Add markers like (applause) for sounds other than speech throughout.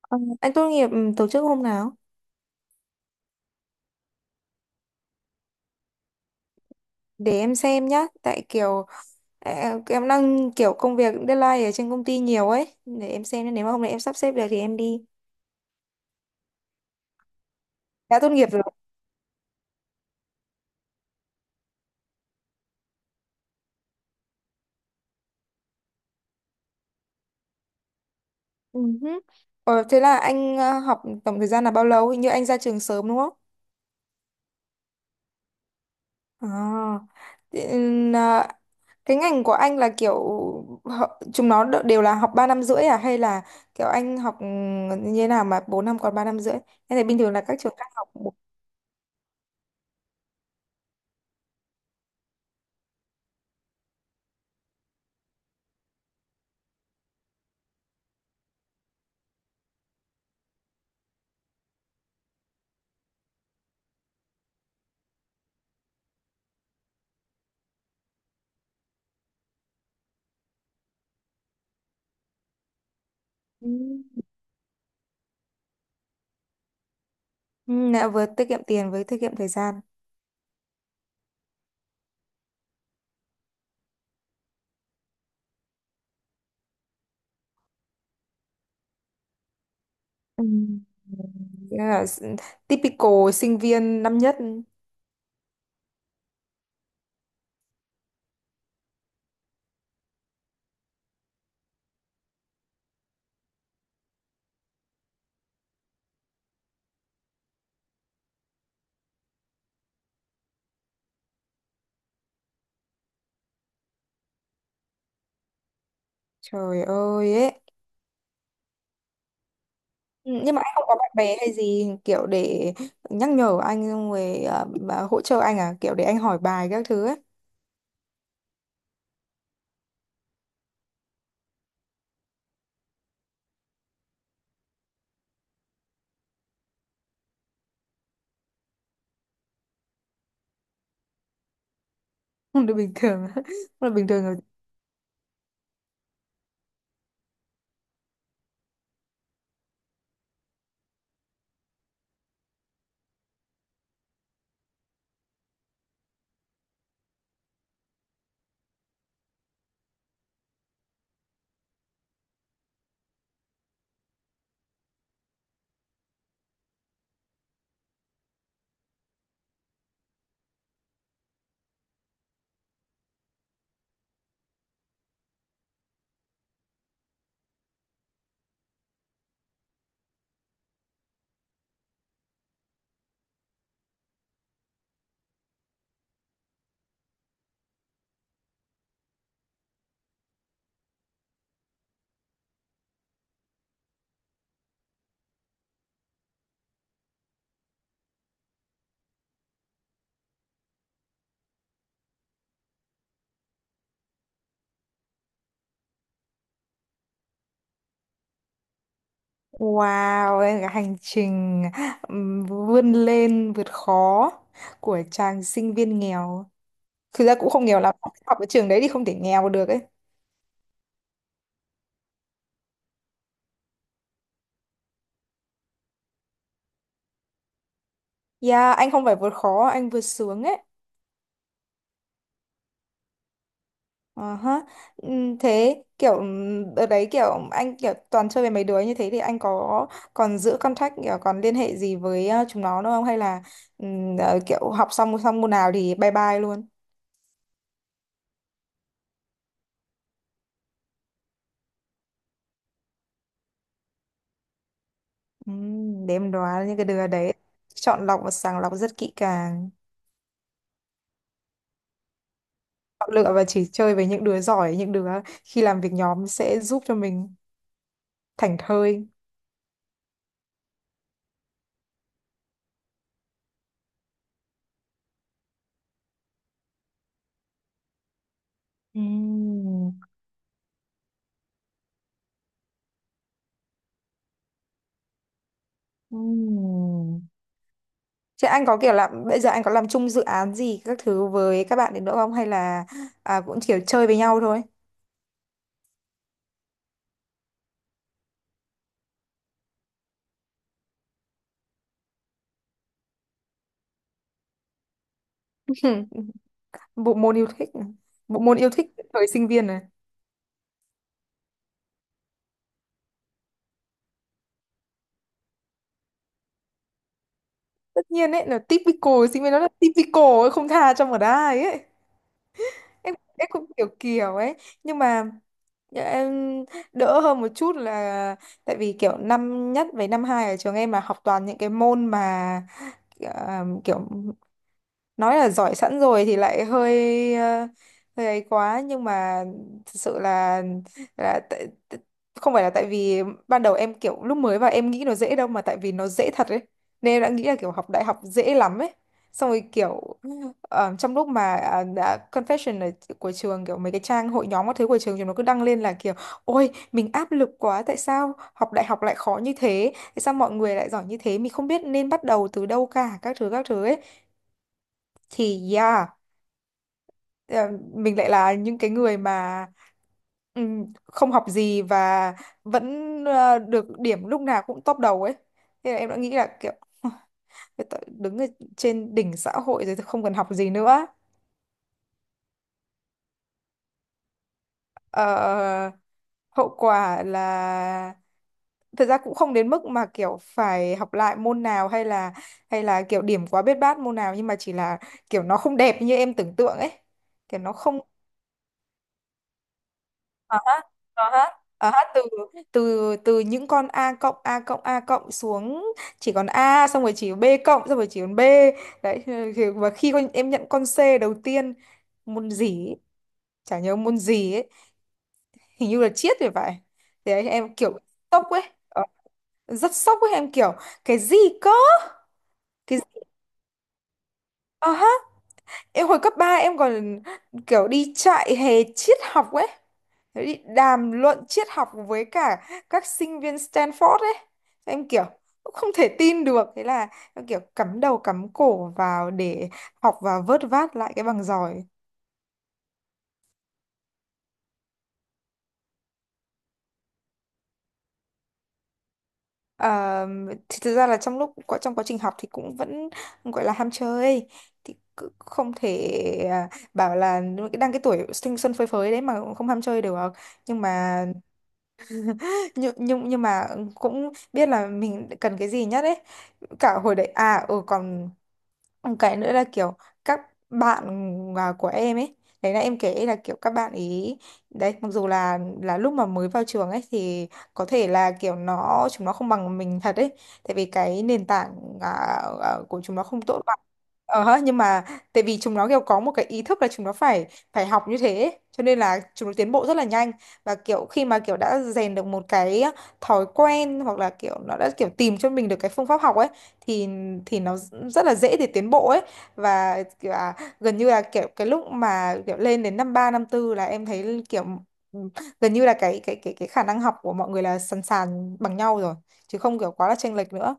Ờ, anh tốt nghiệp tổ chức hôm nào? Để em xem nhá, tại ờ, em đang kiểu công việc deadline ở trên công ty nhiều ấy, để em xem nếu mà hôm nay em sắp xếp được thì em đi. Đã tốt nghiệp rồi. Ừ hứ. Thế là anh học tổng thời gian là bao lâu? Hình như anh ra trường sớm đúng không? À, thế, cái ngành của anh là kiểu đều là học 3 năm rưỡi à hay là kiểu anh học như thế nào mà 4 năm còn 3 năm rưỡi? Thế này bình thường là các trường khác học. Ừ. Ừ, đã vừa tiết kiệm tiền với tiết kiệm thời gian. Ừ. Nghĩa là s- Typical sinh viên năm nhất. Trời ơi ấy. Ừ, nhưng mà anh không có bạn bè hay gì kiểu để nhắc nhở anh xong rồi à, bà hỗ trợ anh à kiểu để anh hỏi bài các thứ ấy. Không được bình thường (laughs) không được bình thường rồi. Wow, ấy là cái hành trình vươn lên vượt khó của chàng sinh viên nghèo, thực ra cũng không nghèo lắm, học ở trường đấy thì không thể nghèo được ấy. Yeah, anh không phải vượt khó, anh vượt sướng ấy. Ờ ha. Thế kiểu đợt đấy kiểu anh kiểu toàn chơi với mấy đứa như thế thì anh có còn giữ contact kiểu còn liên hệ gì với chúng nó nữa không hay là kiểu học xong xong môn nào thì bye bye luôn. Để em đoán những cái đứa đấy chọn lọc và sàng lọc rất kỹ càng. Chọn lựa và chỉ chơi với những đứa giỏi, những đứa khi làm việc nhóm sẽ giúp cho mình thảnh thơi. Ừm, ừm. Thế anh có kiểu là bây giờ anh có làm chung dự án gì các thứ với các bạn đến nữa không hay là cũng kiểu chơi với nhau thôi? (laughs) Bộ môn yêu thích, này. Bộ môn yêu thích thời sinh viên này. Tất nhiên ấy là typical sinh viên, nó là typical ấy, không tha cho một ai ấy. Em cũng kiểu kiểu ấy, nhưng mà em đỡ hơn một chút là tại vì kiểu năm nhất với năm hai ở trường em là học toàn những cái môn mà kiểu nói là giỏi sẵn rồi thì lại hơi ấy quá, nhưng mà thực sự là tại, tại- không phải là tại vì ban đầu em kiểu lúc mới vào em nghĩ nó dễ đâu mà tại vì nó dễ thật ấy, nên em đã nghĩ là kiểu học đại học dễ lắm ấy, xong rồi kiểu trong lúc mà đã confession ở của trường, kiểu mấy cái trang hội nhóm các thứ của trường chúng nó cứ đăng lên là kiểu ôi mình áp lực quá, tại sao học đại học lại khó như thế, tại sao mọi người lại giỏi như thế, mình không biết nên bắt đầu từ đâu cả, các thứ ấy, thì yeah, ờ, mình lại là những cái người mà không học gì và vẫn được điểm lúc nào cũng top đầu ấy, thế là em đã nghĩ là kiểu (laughs) "Thôi tao đứng ở trên đỉnh xã hội rồi, tôi không cần học gì nữa". Ờ, hậu quả là thật ra cũng không đến mức mà kiểu phải học lại môn nào hay là kiểu điểm quá biết bát môn nào, nhưng mà chỉ là kiểu nó không đẹp như em tưởng tượng ấy, kiểu nó không. Ờ hết Ờ hết từ từ từ những con A cộng A cộng A cộng xuống chỉ còn A, xong rồi chỉ B cộng, xong rồi chỉ còn B. Đấy và khi con em nhận con C đầu tiên, môn gì ấy, chả nhớ môn gì ấy, hình như là triết thì phải, thì đấy, em kiểu sốc ấy. Ờ, rất sốc ấy, em kiểu cái gì cơ, cái gì? Ờ ha, em hồi cấp 3 em còn kiểu đi chạy hè triết học ấy, thế thì đàm luận triết học với cả các sinh viên Stanford ấy, em kiểu cũng không thể tin được, thế là em kiểu cắm đầu cắm cổ vào để học và vớt vát lại cái bằng giỏi. Ờ, thì thực ra là trong quá trình học thì cũng vẫn gọi là ham chơi, thì cứ không thể bảo là đang cái tuổi thanh xuân phơi phới đấy mà cũng không ham chơi được, nhưng mà nhưng mà cũng biết là mình cần cái gì nhất ấy, cả hồi đấy à ừ còn. Một cái nữa là kiểu các bạn của em ấy, đấy là em kể là kiểu các bạn ý đấy, mặc dù là lúc mà mới vào trường ấy thì có thể là kiểu chúng nó không bằng mình thật ấy, tại vì cái nền tảng à, của chúng nó không tốt bằng. Ờ, nhưng mà tại vì chúng nó kiểu có một cái ý thức là chúng nó phải phải học như thế ấy, cho nên là chúng nó tiến bộ rất là nhanh, và kiểu khi mà kiểu đã rèn được một cái thói quen hoặc là kiểu nó đã kiểu tìm cho mình được cái phương pháp học ấy thì nó rất là dễ để tiến bộ ấy, và kiểu gần như là kiểu cái lúc mà kiểu lên đến năm ba năm tư là em thấy kiểu ừ, gần như là cái khả năng học của mọi người là sàn sàn bằng nhau rồi, chứ không kiểu quá là chênh lệch nữa.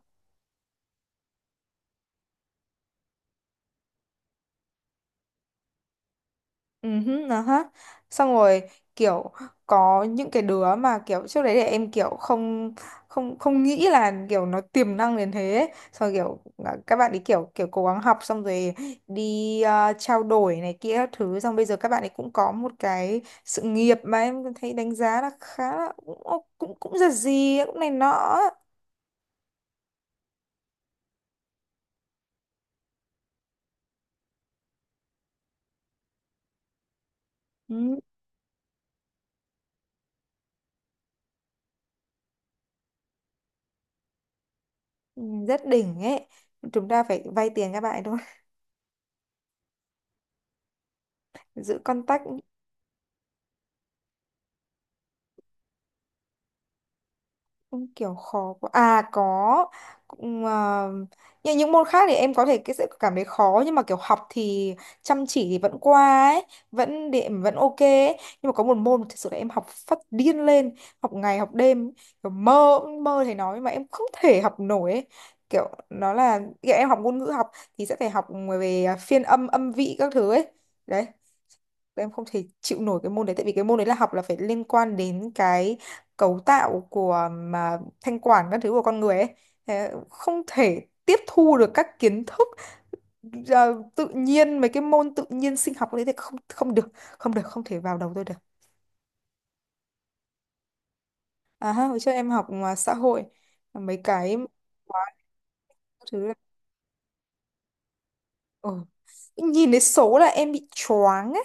Ừ hứ, nó hết, xong rồi kiểu có những cái đứa mà kiểu trước đấy để em kiểu không không không nghĩ là kiểu nó tiềm năng đến thế ấy. Xong rồi kiểu các bạn ấy kiểu kiểu cố gắng học xong rồi đi trao đổi này kia các thứ, xong bây giờ các bạn ấy cũng có một cái sự nghiệp mà em thấy đánh giá là khá là cũng cũng cũng giật gì ấy, cũng này nọ ấy. Ừ, rất đỉnh ấy, chúng ta phải vay tiền các bạn ấy thôi, giữ contact. Không kiểu khó quá. À có cũng, như những môn khác thì em có thể cái sẽ cảm thấy khó, nhưng mà kiểu học thì chăm chỉ thì vẫn qua ấy, vẫn điểm vẫn ok ấy. Nhưng mà có một môn thực sự là em học phát điên lên, học ngày học đêm, kiểu mơ mơ thầy nói mà em không thể học nổi ấy. Kiểu nó là kiểu em học ngôn ngữ học thì sẽ phải học về phiên âm âm vị các thứ ấy. Đấy, em không thể chịu nổi cái môn đấy, tại vì cái môn đấy là học là phải liên quan đến cái cấu tạo của mà thanh quản các thứ của con người ấy. Thế không thể tiếp thu được các kiến thức ờ, tự nhiên, mấy cái môn tự nhiên sinh học đấy thì không không được, không thể vào đầu tôi được. À ha, hồi trước em học mà xã hội mấy cái quá thứ là ừ, nhìn thấy số là em bị choáng ấy.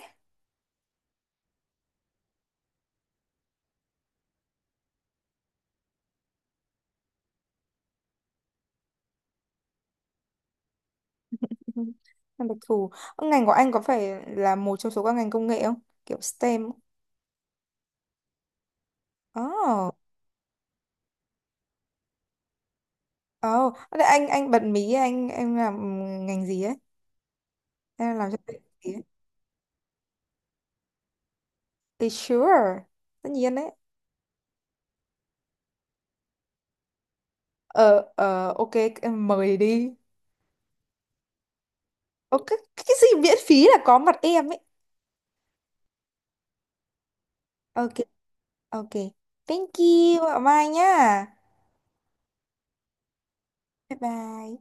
Ừ. Em đặc thù. Ờ, ngành của anh có phải là một trong số các ngành công nghệ không, kiểu STEM? Ồ, oh. Anh bật mí anh em làm ngành gì ấy. Thế là làm cho tôi tí ấy. Thì sure, tất nhiên đấy. Ờ ok, em mời đi. Ok, cái gì miễn phí là có mặt em ấy. Ok. Ok, thank you ạ, mai nhá, bye bye.